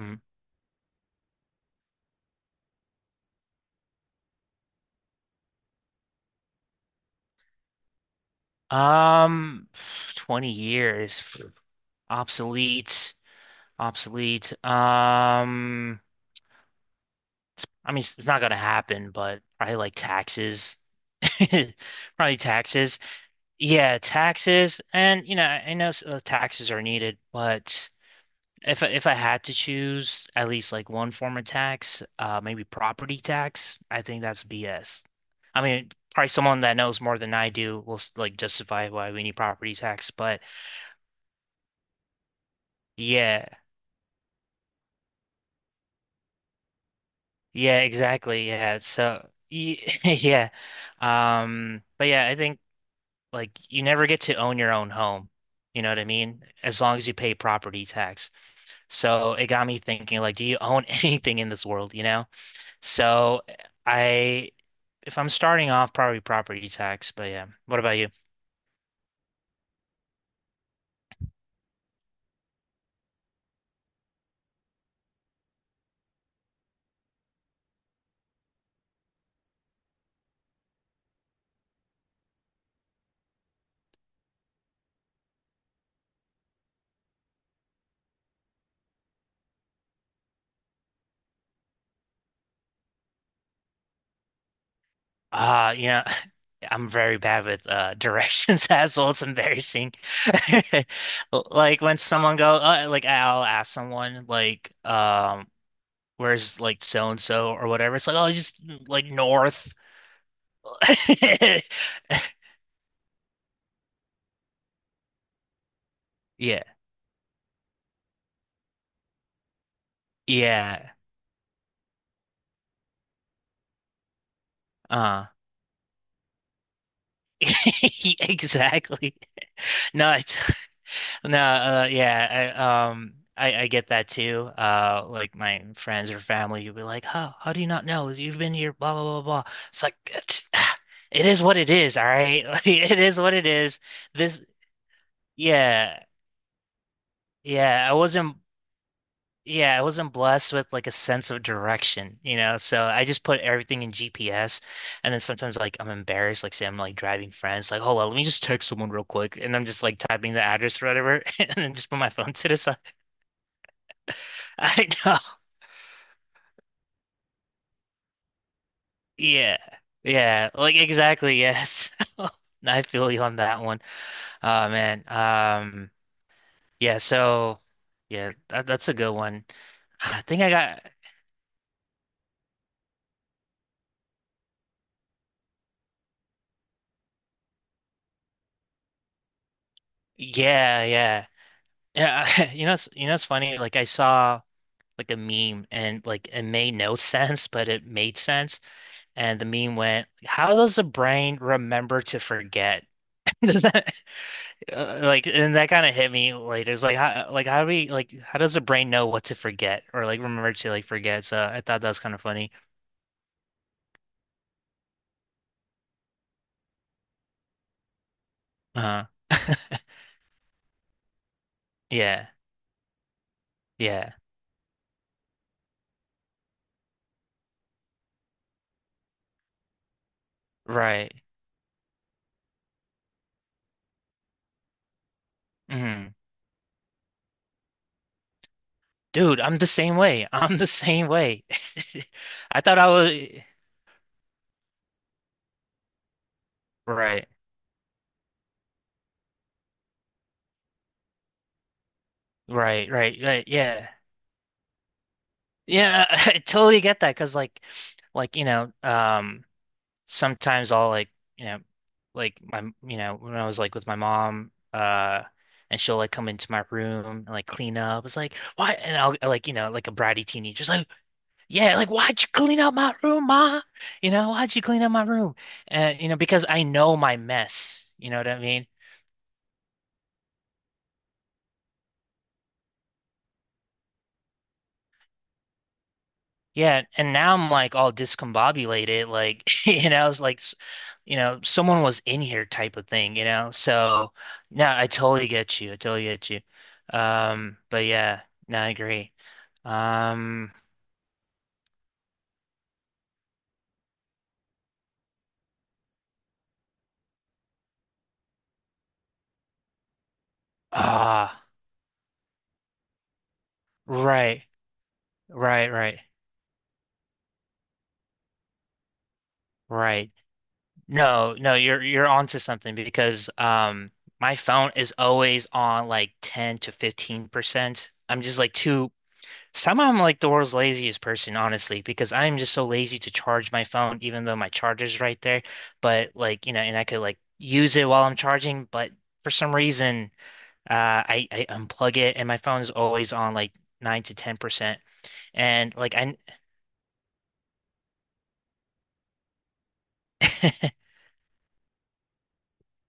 Mm. Um, 20 years. Obsolete. Obsolete. Um, I mean, it's not gonna happen, but probably like taxes. Probably taxes. Yeah, taxes. And you know, I know taxes are needed, but if I had to choose at least like one form of tax, maybe property tax, I think that's BS. I mean, probably someone that knows more than I do will like justify why we need property tax, but yeah, yeah, exactly. Yeah. So, yeah. But yeah, I think like you never get to own your own home. You know what I mean? As long as you pay property tax. So it got me thinking, like, do you own anything in this world, you know? So I, if I'm starting off, probably property tax. But yeah, what about you? You know, I'm very bad with directions as well. It's embarrassing. Like when someone like I'll ask someone like, where's like so and so or whatever. It's like, oh, just like north. Yeah, yeah. Uh, exactly. No, it's No, yeah, I get that too. Like my friends or family, you'd be like, "Huh? How do you not know? You've been here, blah blah blah blah." It's like it's, it is what it is, all right. Like, it is what it is. This, yeah, yeah. I wasn't, yeah, I wasn't blessed with like a sense of direction, you know. So I just put everything in GPS, and then sometimes like I'm embarrassed, like say I'm like driving friends, like, "Hold on, let me just text someone real quick," and I'm just like typing the address or whatever, and then just put my phone to the side. I know. Yeah. Yeah. Like exactly. Yes. I feel you on that one. Oh man. Yeah. So. Yeah. That's a good one. I think I got. Yeah. Yeah. Yeah. You know. You know. It's funny. Like I saw like a meme and like it made no sense, but it made sense. And the meme went, "How does the brain remember to forget?" Does that like, and that kind of hit me later. It's like, how do how does the brain know what to forget or like remember to like forget? So I thought that was kind of funny. Uh, yeah, yeah, right. Hmm. Dude, I'm the same way. I'm the same way. I thought I was right, right. Yeah, yeah. I totally get that because, you know. Sometimes I'll like, you know, like my, you know, when I was like with my mom, and she'll like come into my room and like clean up. It's like, why? And I'll like, you know, like a bratty teenager's like, yeah, like, why'd you clean up my room, ma? You know, why'd you clean up my room? And, you know, because I know my mess, you know what I mean? Yeah, and now I'm like all discombobulated, like you know, it's like you know, someone was in here type of thing, you know. So no, I totally get you. I totally get you. But yeah, no, I agree. Um, ah, right, right, right, right. No, no, you're onto something because my phone is always on like 10 to 15%. I'm just like too Somehow I'm like the world's laziest person, honestly, because I'm just so lazy to charge my phone, even though my charger's right there. But like, you know, and I could like use it while I'm charging, but for some reason, I unplug it and my phone is always on like nine to 10%. And like, I,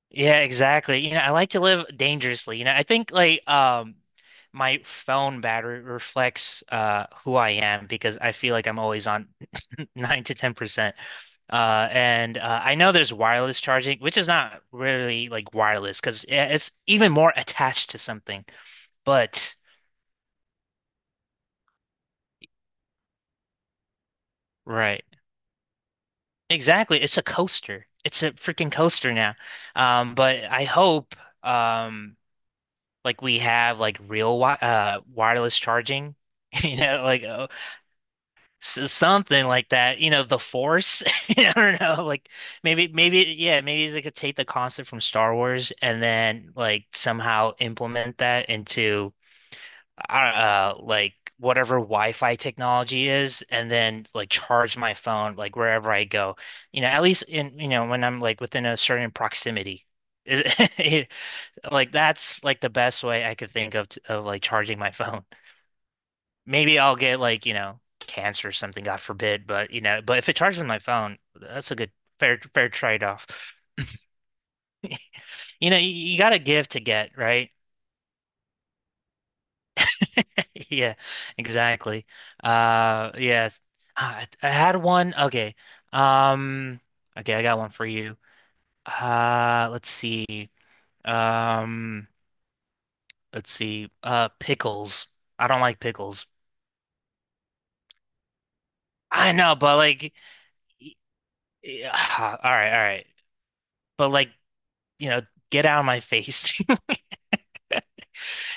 yeah, exactly. You know, I like to live dangerously. You know, I think like, my phone battery reflects, who I am because I feel like I'm always on nine to 10%. And I know there's wireless charging, which is not really like wireless because it's even more attached to something. But right, exactly. It's a coaster. It's a freaking coaster now. But I hope um like we have like real wi wireless charging, you know, like oh, s something like that. You know, the Force. I don't know, like maybe yeah, maybe they could take the concept from Star Wars and then like somehow implement that into like whatever Wi-Fi technology is, and then like charge my phone like wherever I go. You know, at least in you know when I'm like within a certain proximity. Is- Like that's like the best way I could think of of like charging my phone. Maybe I'll get like you know cancer or something, God forbid. But you know, but if it charges my phone, that's a good fair trade-off. You know, you got to give to get, right? Yeah, exactly. Yes. I had one. Okay. Um, okay, I got one for you. Let's see. Um, let's see. Pickles. I don't like pickles. I know, but like, y- ah, all right. But like, you know, get out of my face.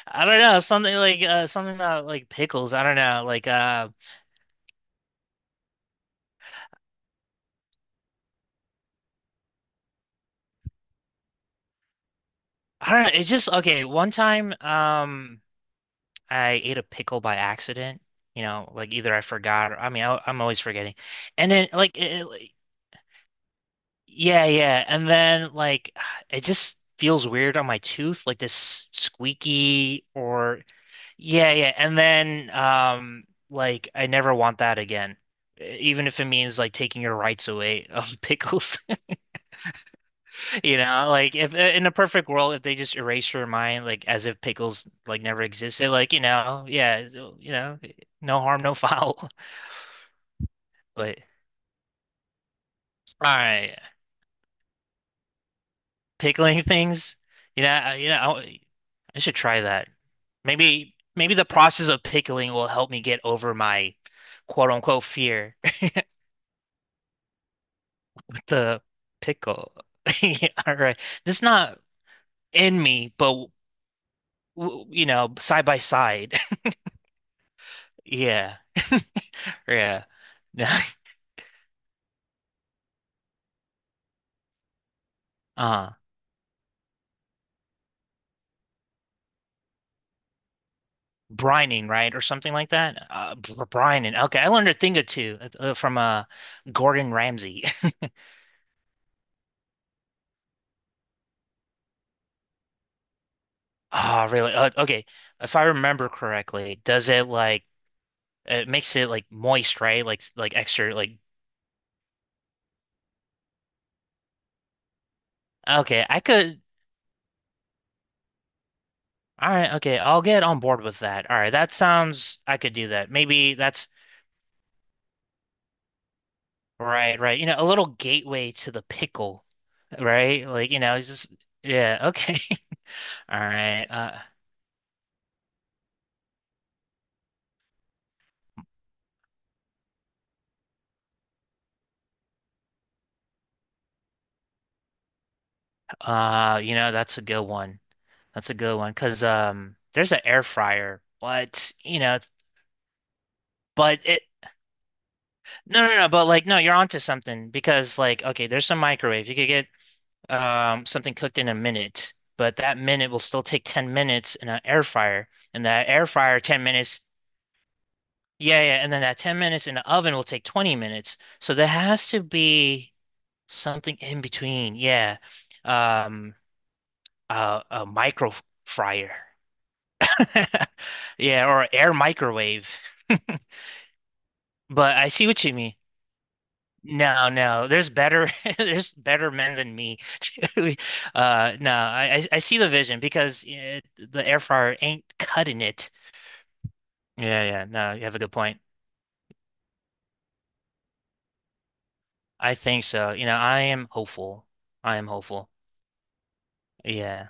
I don't know, something like something about like pickles. I don't know, like I don't know. It's just okay. One time, I ate a pickle by accident. You know, like either I forgot or I mean, I'm always forgetting. And then like, yeah, yeah. And then like, it just feels weird on my tooth, like this squeaky or yeah, yeah. And then like I never want that again, even if it means like taking your rights away of pickles. You know, like if in a perfect world, if they just erased your mind, like as if pickles like never existed, like you know, yeah, so, you know, no harm, no foul. But all right, pickling things, you know, I should try that. Maybe the process of pickling will help me get over my quote unquote fear. The pickle. Yeah, All right, this not in me, but you know, side by side. Yeah, yeah. Uh-huh. Brining, right, or something like that. Brining. Okay, I learned a thing or two from Gordon Ramsay. Ah, really? Okay, if I remember correctly, does it like it makes it like moist, right? Like extra like. Okay, I could. All right, okay, I'll get on board with that. All right, that sounds. I could do that. Maybe that's right, right. You know, a little gateway to the pickle, right? Like you know, it's just yeah. Okay, all right. You know, that's a good one. That's a good one because there's an air fryer, but you know, but it no, but like no, you're onto something because like okay, there's some microwave. You could get something cooked in a minute, but that minute will still take 10 minutes in an air fryer, and that air fryer 10 minutes, yeah yeah, and then that 10 minutes in the oven will take 20 minutes. So there has to be something in between. Yeah, um, a micro fryer, yeah, or air microwave. But I see what you mean. No, no, there's better, there's better men than me. No, I see the vision because eh, the air fryer ain't cutting it. Yeah, yeah, no, you have a good point. I think so. You know, I am hopeful. I am hopeful. Yeah, yeah.